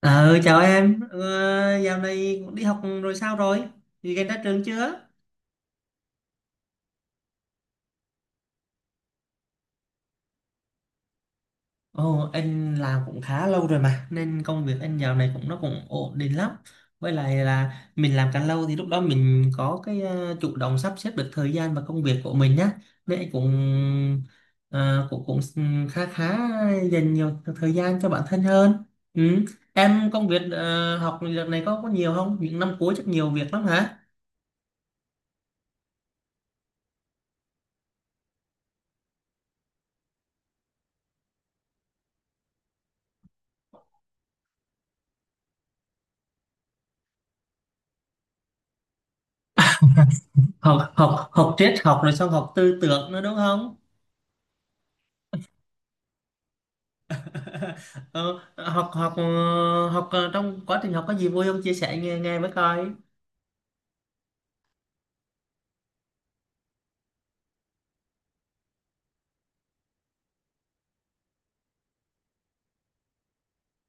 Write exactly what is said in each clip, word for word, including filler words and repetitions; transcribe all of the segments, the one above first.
Ờ, chào em, ờ, dạo này cũng đi học rồi sao rồi? Thì gần ra trường chưa? Ồ, anh làm cũng khá lâu rồi mà, nên công việc anh dạo này cũng nó cũng ổn định lắm. Với lại là mình làm càng lâu thì lúc đó mình có cái ờ, chủ động sắp xếp được thời gian và công việc của mình nhá. Nên anh cũng ờ, cũng cũng khá khá dành nhiều thời gian cho bản thân hơn. Ừ. Em công việc ờ, học đợt này có có nhiều không? Những năm cuối chắc nhiều việc lắm hả? Học học học triết học rồi xong học tư tưởng nữa đúng không? Ờ, học học ờ, học ờ, Trong quá trình học có gì vui không, chia sẻ nghe nghe mới coi.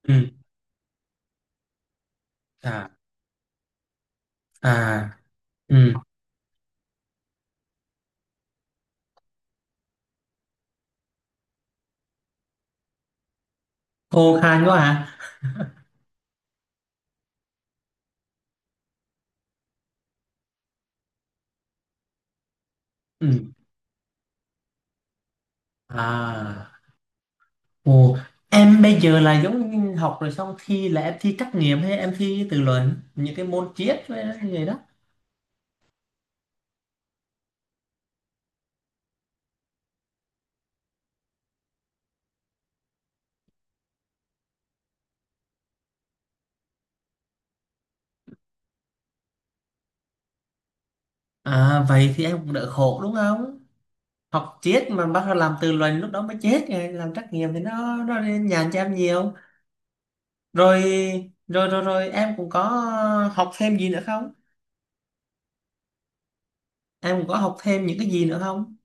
Ừ. À. À. Ừ. Khô khan quá hả? Ừ. À. Ồ, em bây giờ là giống như học rồi xong thi, là em thi trắc nghiệm hay em thi tự luận những cái môn triết với như vậy đó? À vậy thì em cũng đỡ khổ đúng không? Học triết mà bắt đầu làm tự luận lúc đó mới chết, rồi làm trắc nghiệm thì nó nó nhàn cho em nhiều. Rồi rồi rồi rồi em cũng có học thêm gì nữa không? Em cũng có học thêm những cái gì nữa không?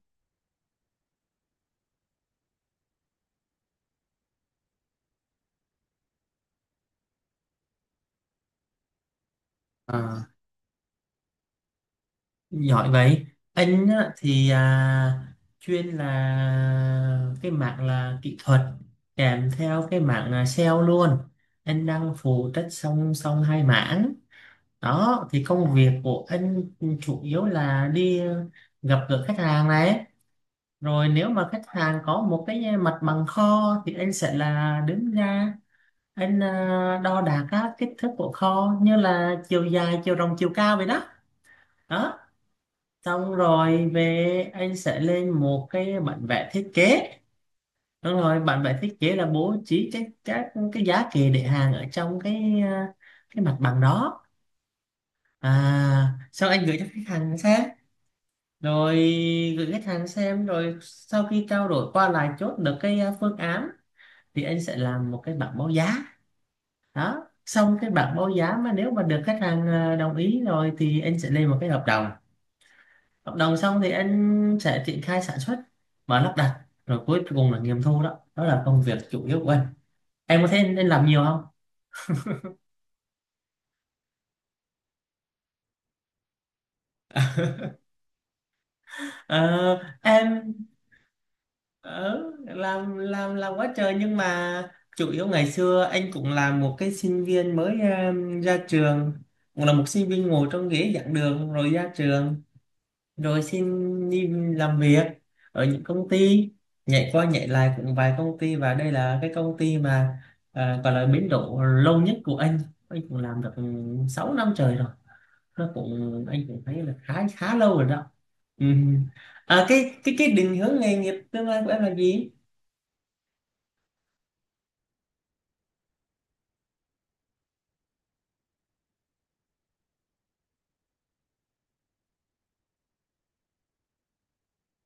À, giỏi vậy. Anh á, thì à, chuyên là cái mảng là kỹ thuật, kèm theo cái mảng là sale luôn. Anh đang phụ trách song song hai mảng đó. Thì công việc của anh chủ yếu là đi gặp gỡ khách hàng này, rồi nếu mà khách hàng có một cái mặt bằng kho thì anh sẽ là đứng ra, anh ờ, đo đạc các kích thước của kho như là chiều dài, chiều rộng, chiều cao vậy đó. Đó, xong rồi về anh sẽ lên một cái bản vẽ thiết kế. Đúng rồi, bản vẽ thiết kế là bố trí các các cái giá kệ để hàng ở trong cái ờ, cái mặt bằng đó. À, sau anh gửi cho khách hàng xem. Rồi gửi khách hàng xem rồi sau khi trao đổi qua lại, chốt được cái ờ, phương án thì anh sẽ làm một cái bảng báo giá. Đó, xong cái bạn báo giá mà nếu mà được khách hàng ờ, đồng ý rồi thì anh sẽ lên một cái hợp đồng. Hợp đồng xong thì anh sẽ triển khai sản xuất và lắp đặt, rồi cuối cùng là nghiệm thu. Đó, đó là công việc chủ yếu của anh. Em có thấy anh anh làm nhiều không? ờ, em ờ, làm làm làm quá trời, nhưng mà chủ yếu ngày xưa anh cũng là một cái sinh viên mới ờ, ra trường, cũng là một sinh viên ngồi trong ghế giảng đường rồi ra trường, rồi xin đi làm việc ở những công ty, nhảy qua nhảy lại cũng vài công ty, và đây là cái công ty mà à, gọi là biến độ lâu nhất của anh. Anh cũng làm được ừ, sáu năm trời rồi. Nó cũng, anh cũng thấy là khá khá lâu rồi đó. Ừ. À, cái cái cái định hướng nghề nghiệp tương lai của em là gì?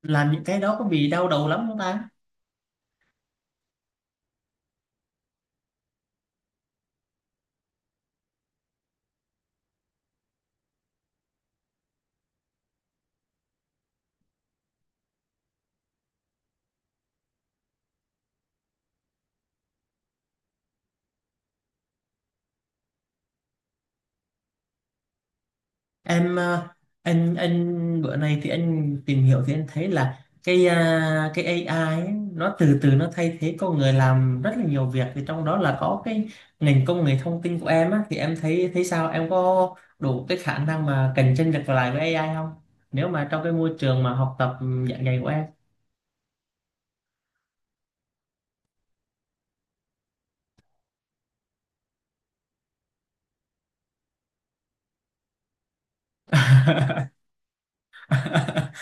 Làm những cái đó có bị đau đầu lắm không ta? Em ờ, anh anh bữa nay thì anh tìm hiểu thì anh thấy là cái à, cái ây ai ấy, nó từ từ nó thay thế con người làm rất là nhiều việc, thì trong đó là có cái ngành công nghệ thông tin của em á, thì em thấy, thấy sao, em có đủ cái khả năng mà cạnh tranh được lại với a i không, nếu mà trong cái môi trường mà học tập ừ, dạng ngày của em?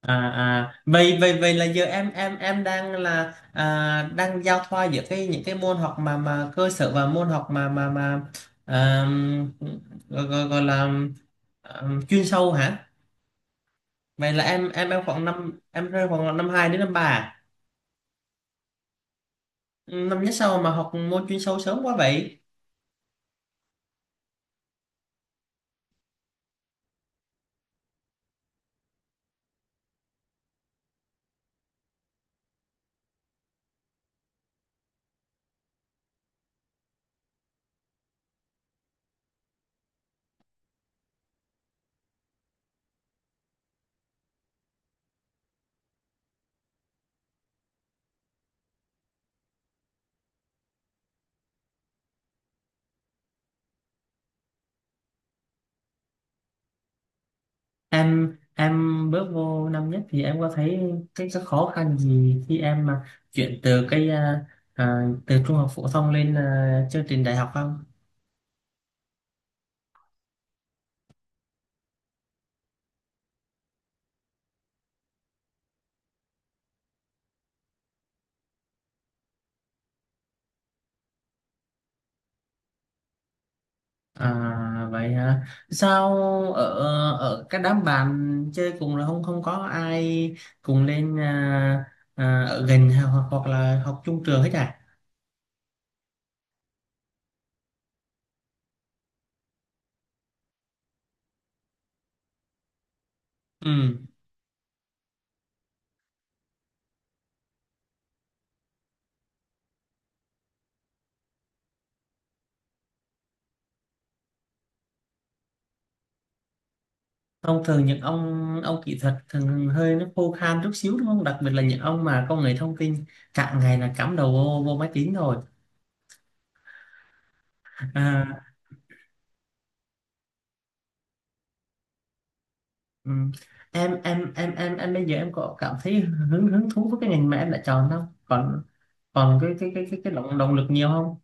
à, à vậy vậy vậy là giờ em em em đang là à, đang giao thoa giữa cái những cái môn học mà mà cơ sở và môn học mà mà mà à, gọi, gọi, gọi là à, chuyên sâu hả? Vậy là em em em khoảng năm, em rơi khoảng năm hai đến năm ba à? Năm nhất sau mà học môn chuyên sâu sớm quá vậy? Em em bước vô năm nhất thì em có thấy cái, cái khó khăn gì khi em mà chuyển từ cái à, à, từ trung học phổ thông lên à, chương trình đại học không? À vậy hả? Sao ở ở cái đám bạn chơi cùng là không không có ai cùng lên, à, à, ở gần hoặc hoặc là học chung trường hết à? Ừ. Thông thường những ông ông kỹ thuật thường hơi nó khô khan chút xíu đúng không? Đặc biệt là những ông mà công nghệ thông tin cả ngày là cắm đầu vô, vô máy tính rồi. À, ừ. Em em em em em bây giờ em có cảm thấy hứng hứng thú với cái ngành mà em đã chọn không? Còn còn cái cái cái cái cái động động lực nhiều không?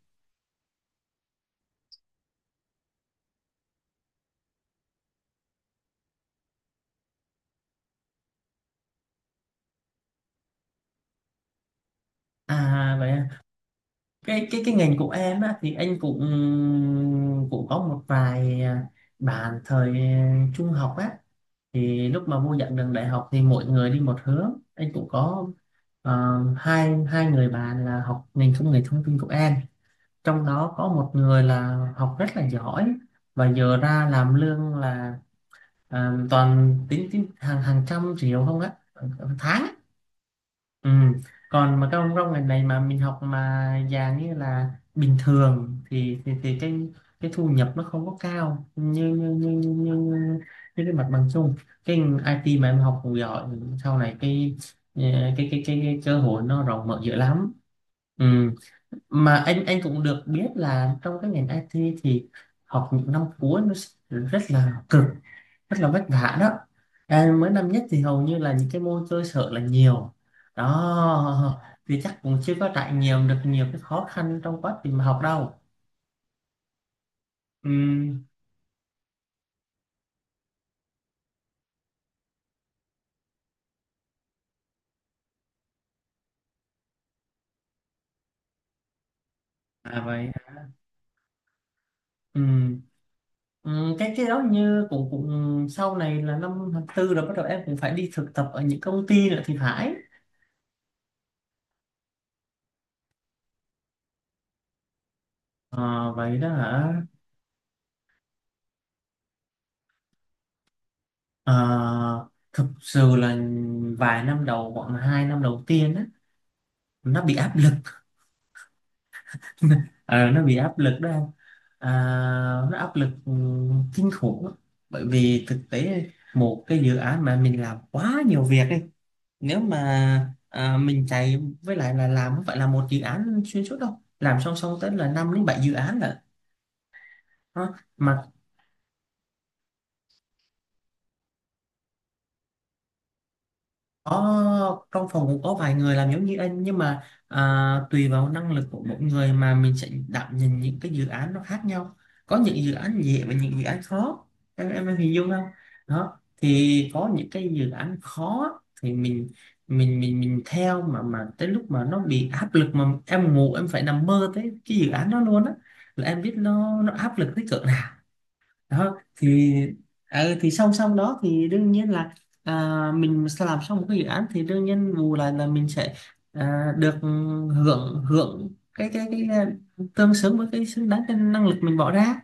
À vậy, cái cái cái ngành của em á, thì anh cũng cũng có một vài à, bạn thời à, trung học á, thì lúc mà vô giảng đường đại học thì mỗi người đi một hướng, anh cũng có ờ, hai hai người bạn là học ngành công nghệ thông tin của em, trong đó có một người là học rất là giỏi và giờ ra làm lương là ờ, toàn tính, tính hàng hàng trăm triệu không á, ờ, tháng. Ừ. Còn mà các ông trong ngành này mà mình học mà dạng như là bình thường thì thì, thì cái cái thu nhập nó không có cao như như như như, như, như cái mặt bằng chung. Cái ai ti mà em học cũng giỏi sau này cái ờ, cái cái cái, cái cơ hội nó rộng mở dữ lắm. Ừ. Mà anh anh cũng được biết là trong cái ngành i tê thì học những năm cuối nó rất là cực, rất là vất vả đó. Em mới năm nhất thì hầu như là những cái môn chơi sợ là nhiều. Đó, vì chắc cũng chưa có trải nghiệm được nhiều cái khó khăn trong quá trình mà học đâu. Ừm. À vậy. ừm, ừm, cái cái đó như cũng cũng sau này là năm tháng tư rồi bắt đầu em cũng phải đi thực tập ở những công ty nữa thì phải. Ờ, vậy đó hả? Ờ, thực sự là vài năm đầu, khoảng hai năm đầu tiên á, nó bị áp. Ờ, nó bị áp lực đó anh. à, nó áp lực ừ, kinh khủng lắm. Bởi vì thực tế một cái dự án mà mình làm quá nhiều việc ấy, nếu mà à, mình chạy, với lại là làm không phải là một dự án xuyên suốt đâu, làm song song tới là năm đến bảy dự án lận. Đó. Mà có trong phòng cũng có vài người làm giống như anh, nhưng mà à, tùy vào năng lực của mỗi người mà mình sẽ đảm nhận những cái dự án nó khác nhau. Có những dự án dễ và những dự án khó. Em em, em hình dung không? Đó thì có những cái dự án khó thì mình mình mình mình theo mà mà tới lúc mà nó bị áp lực mà em ngủ em phải nằm mơ tới cái dự án đó luôn á, là em biết nó nó áp lực tới cỡ nào. Đó thì ờ, thì song song đó thì đương nhiên là à, mình sẽ làm xong một cái dự án thì đương nhiên bù lại là mình sẽ à, được hưởng hưởng cái cái cái à, tương xứng với cái xứng đáng cái năng lực mình bỏ ra.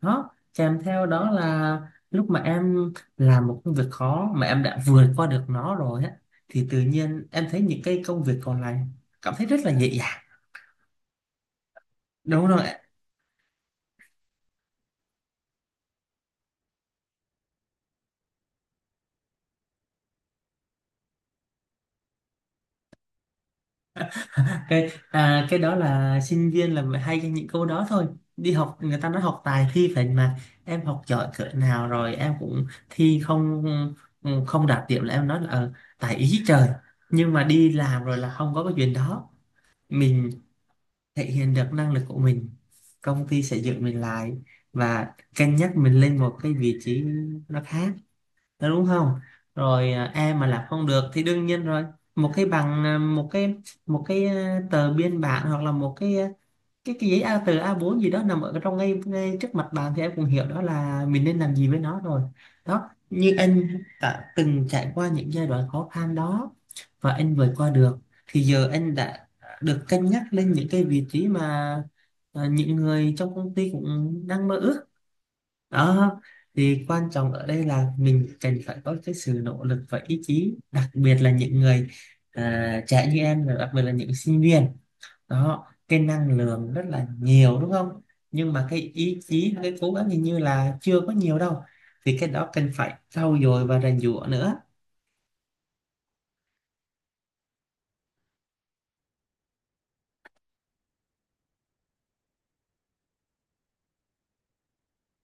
Đó, kèm theo đó là lúc mà em làm một công việc khó mà em đã vượt qua được nó rồi á, thì tự nhiên em thấy những cái công việc còn lại cảm thấy rất là nhẹ nhàng. Đúng rồi. Cái à, cái đó là sinh viên là mới hay cho những câu đó thôi. Đi học người ta nói học tài thi phải mà. Em học giỏi cỡ nào rồi em cũng thi không, ừ, không đạt điểm là em nói là ờ, tài ý trời. Nhưng mà đi làm rồi là không có cái chuyện đó. Mình thể hiện được năng lực của mình, công ty sẽ giữ mình lại và cân nhắc mình lên một cái vị trí nó khác. Đó, đúng không? Rồi à, em mà làm không được thì đương nhiên rồi một cái bằng, à, một cái một cái à, tờ biên bản, hoặc là một cái à, cái cái giấy A từ a bốn gì đó nằm ở trong ngay, ngay trước mặt bạn thì em cũng hiểu đó là mình nên làm gì với nó rồi. Đó, như anh đã từng trải qua những giai đoạn khó khăn đó và anh vượt qua được, thì giờ anh đã được cân nhắc lên những cái vị trí mà à, những người trong công ty cũng đang mơ ước đó. Thì quan trọng ở đây là mình cần phải có cái sự nỗ lực và ý chí, đặc biệt là những người à, trẻ như em, rồi đặc biệt là những sinh viên đó, cái năng lượng rất là nhiều đúng không, nhưng mà cái ý chí, cái cố gắng hình như là chưa có nhiều đâu. Thì cái đó cần phải trau dồi và rèn giũa nữa.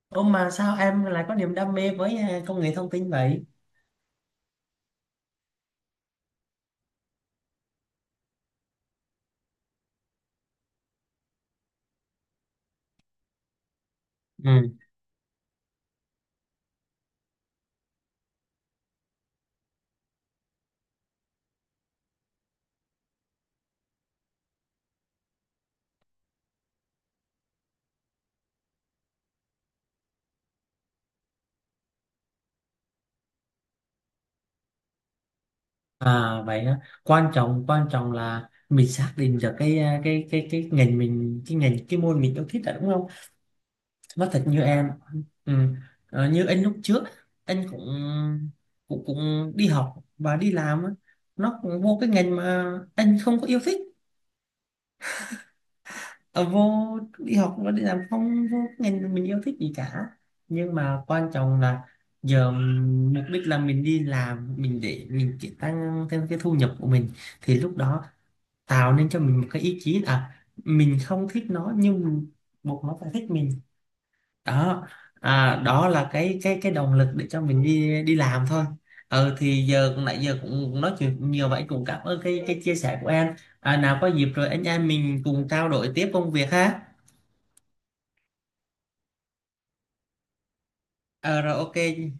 Ô, mà sao em lại có niềm đam mê với à, công nghệ thông tin vậy? Ừ. À vậy á, quan trọng, quan trọng là mình xác định được cái à, cái cái cái ngành mình, cái ngành cái môn mình yêu thích là đúng không? Nói thật như em, ừ, ờ, như anh lúc trước, anh cũng cũng cũng đi học và đi làm á, nó cũng vô cái ngành mà anh không có yêu thích. Ờ, vô đi học và đi làm không vô cái ngành mình yêu thích gì cả, nhưng mà quan trọng là giờ mục đích là mình đi làm, mình để mình chỉ tăng thêm cái thu nhập của mình, thì lúc đó tạo nên cho mình một cái ý chí. à mình không thích nó nhưng mình buộc nó phải thích mình. Đó, à, đó là cái cái cái động lực để cho mình đi đi làm thôi. Ừ, thì giờ nãy giờ cũng nói chuyện nhiều vậy, cũng cảm ơn cái cái chia sẻ của em. À, nào có dịp rồi anh em mình cùng trao đổi tiếp công việc ha. Ờ rồi, ok.